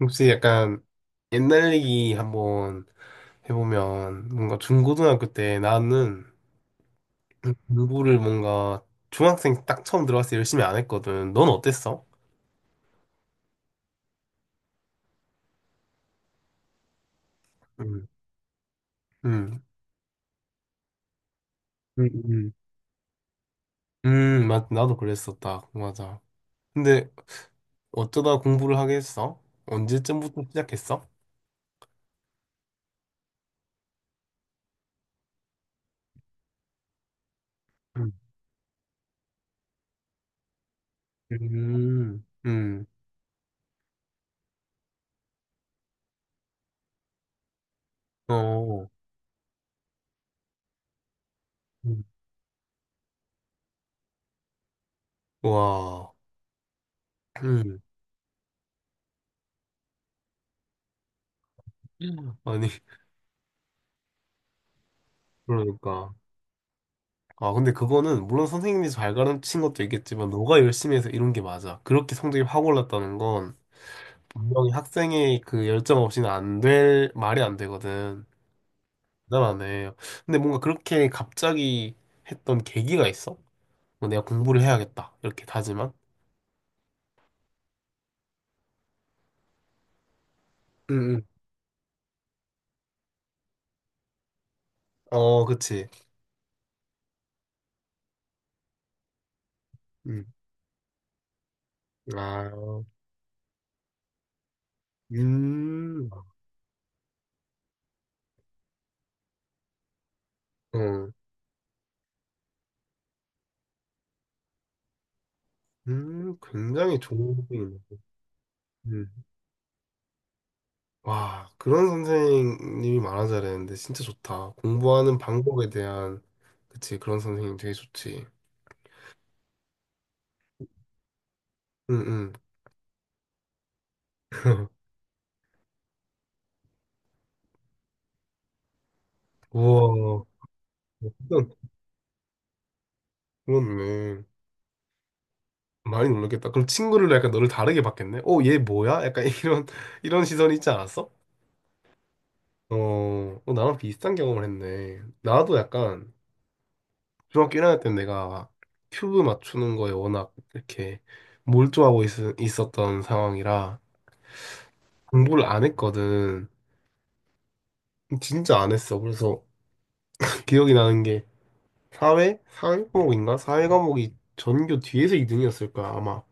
혹시 약간 옛날 얘기 한번 해보면 뭔가 중고등학교 때 나는 공부를 뭔가 중학생 딱 처음 들어갔을 때 열심히 안 했거든. 넌 어땠어? 음, 음, 음, 음, 나도 그랬었다. 맞아. 근데 어쩌다 공부를 하게 했어? 언제쯤부터 시작했어? 음, 음, 음, 어, 음. 와, 음, 아니, 그러니까. 아, 근데 그거는 물론 선생님이 잘 가르친 것도 있겠지만 너가 열심히 해서 이룬 게 맞아. 그렇게 성적이 확 올랐다는 건 분명히 학생의 그 열정 없이는 안 될 말이 안 되거든. 대단하네. 근데 뭔가 그렇게 갑자기 했던 계기가 있어? 뭐 내가 공부를 해야겠다. 이렇게 다지만. 응, 응. 어, 그치. 응. 아, 음, 어, 굉장히 좋은 부분이네. 응. 와, 그런 선생님이 많아져야 되는데 진짜 좋다. 공부하는 방법에 대한 그치 그런 선생님 되게 좋지. 응응. 우와, 그건 그렇네. 많이 놀랐겠다. 그럼 친구를 약간 너를 다르게 봤겠네. 어, 얘 뭐야? 약간 이런 시선이 있지 않았어? 어, 어, 나랑 비슷한 경험을 했네. 나도 약간 중학교 1학년 때 내가 큐브 맞추는 거에 워낙 이렇게 몰두하고 있었던 상황이라 공부를 안 했거든. 진짜 안 했어. 그래서 기억이 나는 게 사회? 사회 과목인가? 사회 과목이 전교 뒤에서 2등이었을 거야, 아마.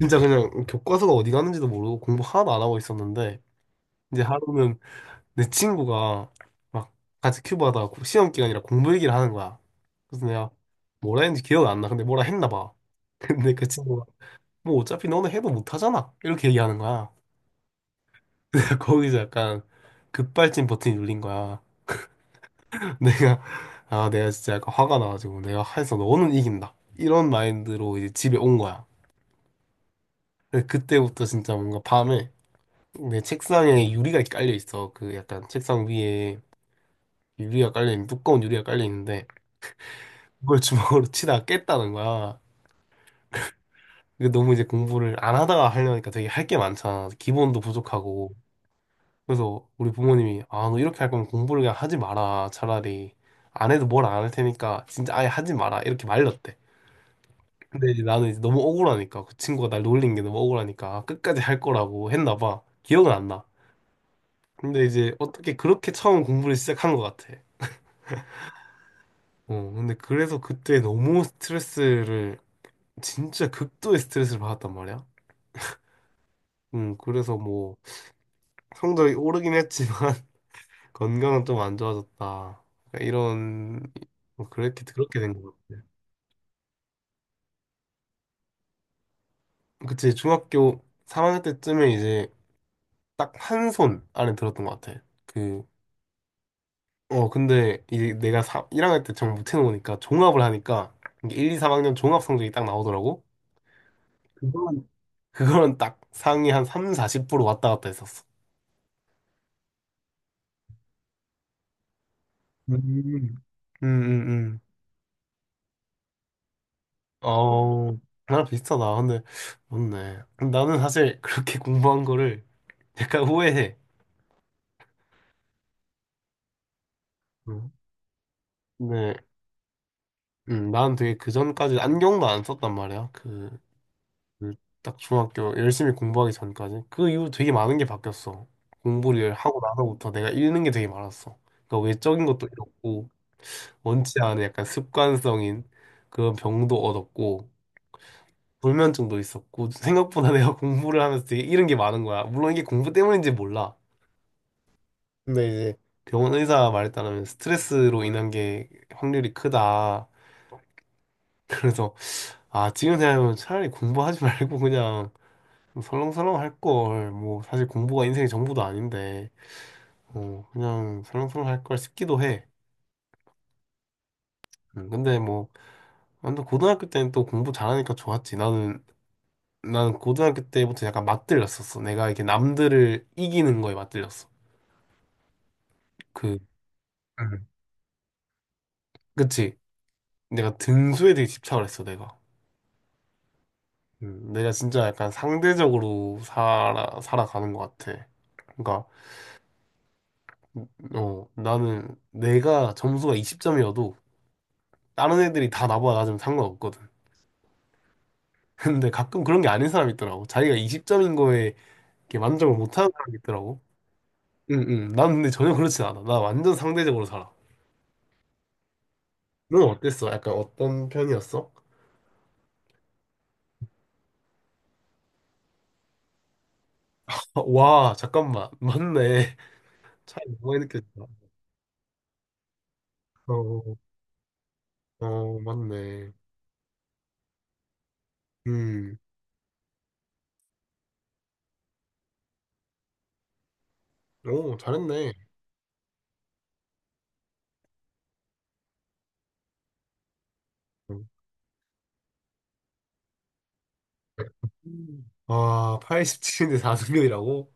진짜 그냥 교과서가 어디 갔는지도 모르고 공부 하나도 안 하고 있었는데 이제 하루는 내 친구가 막 같이 큐브 하다가 시험 기간이라 공부 얘기를 하는 거야. 그래서 내가 뭐라 했는지 기억이 안 나. 근데 뭐라 했나 봐. 근데 그 친구가 뭐 어차피 너는 해도 못 하잖아. 이렇게 얘기하는 거야. 거기서 약간 급발진 버튼이 눌린 거야. 내가 아 내가 진짜 약간 화가 나가지고 내가 해서 너는 이긴다 이런 마인드로 이제 집에 온 거야. 근데 그때부터 진짜 뭔가 밤에 내 책상에 유리가 깔려 있어. 그 약간 책상 위에 유리가 깔려 있는 두꺼운 유리가 깔려 있는데 그걸 주먹으로 치다가 깼다는 거야. 이게 너무 이제 공부를 안 하다가 하려니까 되게 할 게 많잖아. 기본도 부족하고. 그래서 우리 부모님이 아 너 이렇게 할 거면 공부를 그냥 하지 마라. 차라리 안 해도 뭘 안 할 테니까 진짜 아예 하지 마라. 이렇게 말렸대. 근데 이제 나는 이제 너무 억울하니까 그 친구가 날 놀린 게 너무 억울하니까 아, 끝까지 할 거라고 했나 봐. 기억은 안 나. 근데 이제 어떻게 그렇게 처음 공부를 시작한 것 같아. 어, 근데 그래서 그때 너무 스트레스를 진짜 극도의 스트레스를 받았단 말이야. 그래서 뭐 성적이 오르긴 했지만 건강은 좀 안 좋아졌다. 그러니까 이런 뭐 그렇게 그렇게 된 것 같아. 그치 중학교 3학년 때쯤에 이제 딱 한 손 안에 들었던 것 같아. 그 어, 근데 이 내가 1학년 때 정말 못해놓으니까 종합을 하니까 이게 1, 2, 3학년 종합 성적이 딱 나오더라고. 그건, 그거는 딱 상위 한 3, 40% 왔다 갔다 했었어. 음, 음, 음, 음. 어, 나랑 비슷하다. 근데, 맞네. 나는 사실 그렇게 공부한 거를 약간 후회해. 음. 근데, 나는 되게 그 전까지 안경도 안 썼단 말이야. 음, 딱 중학교 열심히 공부하기 전까지 그 이후 되게 많은 게 바뀌었어. 공부를 하고 나서부터 내가 잃는 게 되게 많았어. 그러니까 외적인 것도 잃었고 원치 않은 약간 습관성인 그런 병도 얻었고 불면증도 있었고 생각보다 내가 공부를 하면서 되게 잃은 게 많은 거야. 물론 이게 공부 때문인지 몰라. 근데 이제 병원 의사 말에 따르면 스트레스로 인한 게 확률이 크다. 그래서 아 지금 생각하면 차라리 공부하지 말고 그냥 좀 설렁설렁 할 걸, 뭐, 사실 공부가 인생의 전부도 아닌데, 어, 그냥 설렁설렁 할 걸 싶기도 해. 근데 뭐, 완전 고등학교 때는 또 공부 잘하니까 좋았지. 나는 고등학교 때부터 약간 맞들렸었어. 내가 이렇게 남들을 이기는 거에 맞들렸어. 그, 음. 그치. 내가 등수에 되게 집착을 했어, 내가. 내가 진짜 약간 상대적으로 살아가는 것 같아. 그러니까, 음, 어, 나는 내가 점수가 20점이어도 다른 애들이 다 나보다 낮으면 상관없거든. 근데 가끔 그런 게 아닌 사람이 있더라고. 자기가 20점인 거에 이렇게 만족을 못하는 사람이 있더라고. 응, 응. 난 근데 전혀 그렇진 않아. 나 완전 상대적으로 살아. 넌 어땠어? 약간 어떤 편이었어? 아, 와, 잠깐만. 맞네. 차이 너무 많이 느껴진다. 어, 어, 맞네. 음, 오, 잘했네. 음. 아, 87인데 4승률이라고?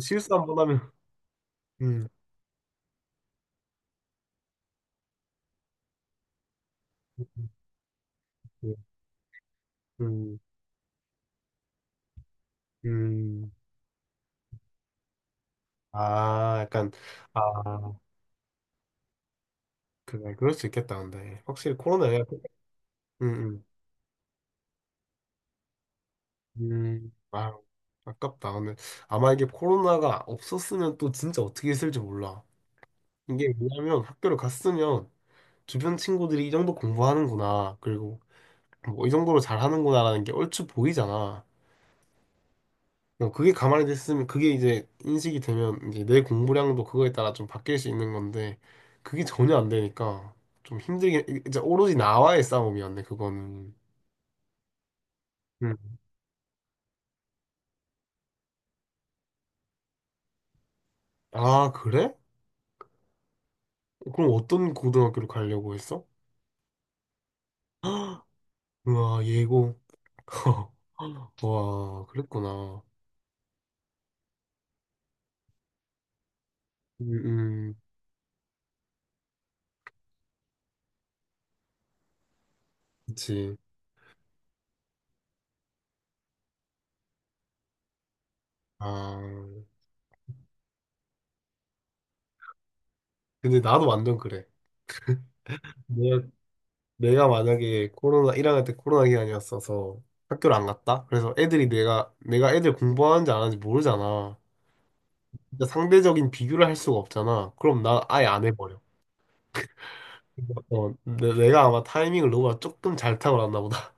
실수 한 번 하면. 음, 음, 음. 음. 아, 약간, 아. 그래, 그럴 수 있겠다, 근데. 확실히 코로나에 음, 아, 아깝다. 오늘 아마 이게 코로나가 없었으면 또 진짜 어떻게 했을지 몰라. 이게 뭐냐면 학교를 갔으면 주변 친구들이 이 정도 공부하는구나. 그리고 뭐 이 정도로 잘하는구나라는 게 얼추 보이잖아. 어, 그게 가만히 됐으면 그게 이제 인식이 되면 이제 내 공부량도 그거에 따라 좀 바뀔 수 있는 건데 그게 전혀 안 되니까 좀 힘들게 이제 오로지 나와의 싸움이었네, 그거는. 음. 아, 그래? 그럼 어떤 고등학교를 가려고 했어? 우와, 예고. 와, 그랬구나. 음, 음, 그치. 아, 근데 나도 완전 그래. 내가, 내가 만약에 코로나, 1학년 때 코로나 기간이었어서 학교를 안 갔다? 그래서 애들이 내가 애들 공부하는지 안 하는지 모르잖아. 진짜 상대적인 비교를 할 수가 없잖아. 그럼 나 아예 안 해버려. 어, 내가 아마 타이밍을 너보다 조금 잘 타고 났나 보다.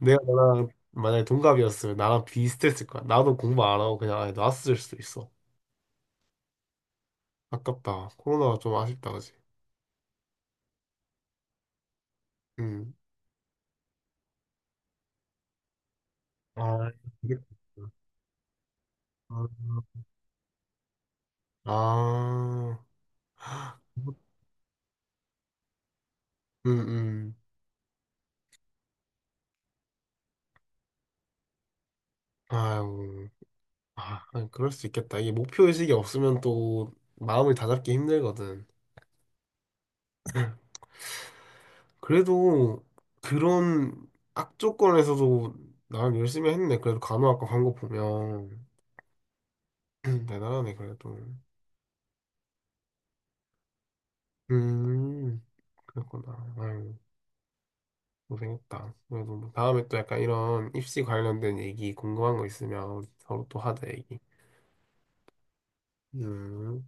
내가 너랑 만약에 동갑이었으면 나랑 비슷했을 거야. 나도 공부 안 하고 그냥 아예 놨을 수도 있어. 아깝다. 코로나가 좀 아쉽다, 그지? 응 아, 그랬구 아, 음, 음. 아유, 아, 아니, 그럴 수 있겠다. 이게 목표의식이 없으면 또 마음을 다잡기 힘들거든. 그래도 그런 악조건에서도 나름 열심히 했네. 그래도 간호학과 간 거 보면. 대단하네, 그래도. 음. 그렇구나. 아유, 고생했다. 그래도 뭐 다음에 또 약간 이런 입시 관련된 얘기 궁금한 거 있으면 우리 서로 또 하자, 얘기. 음.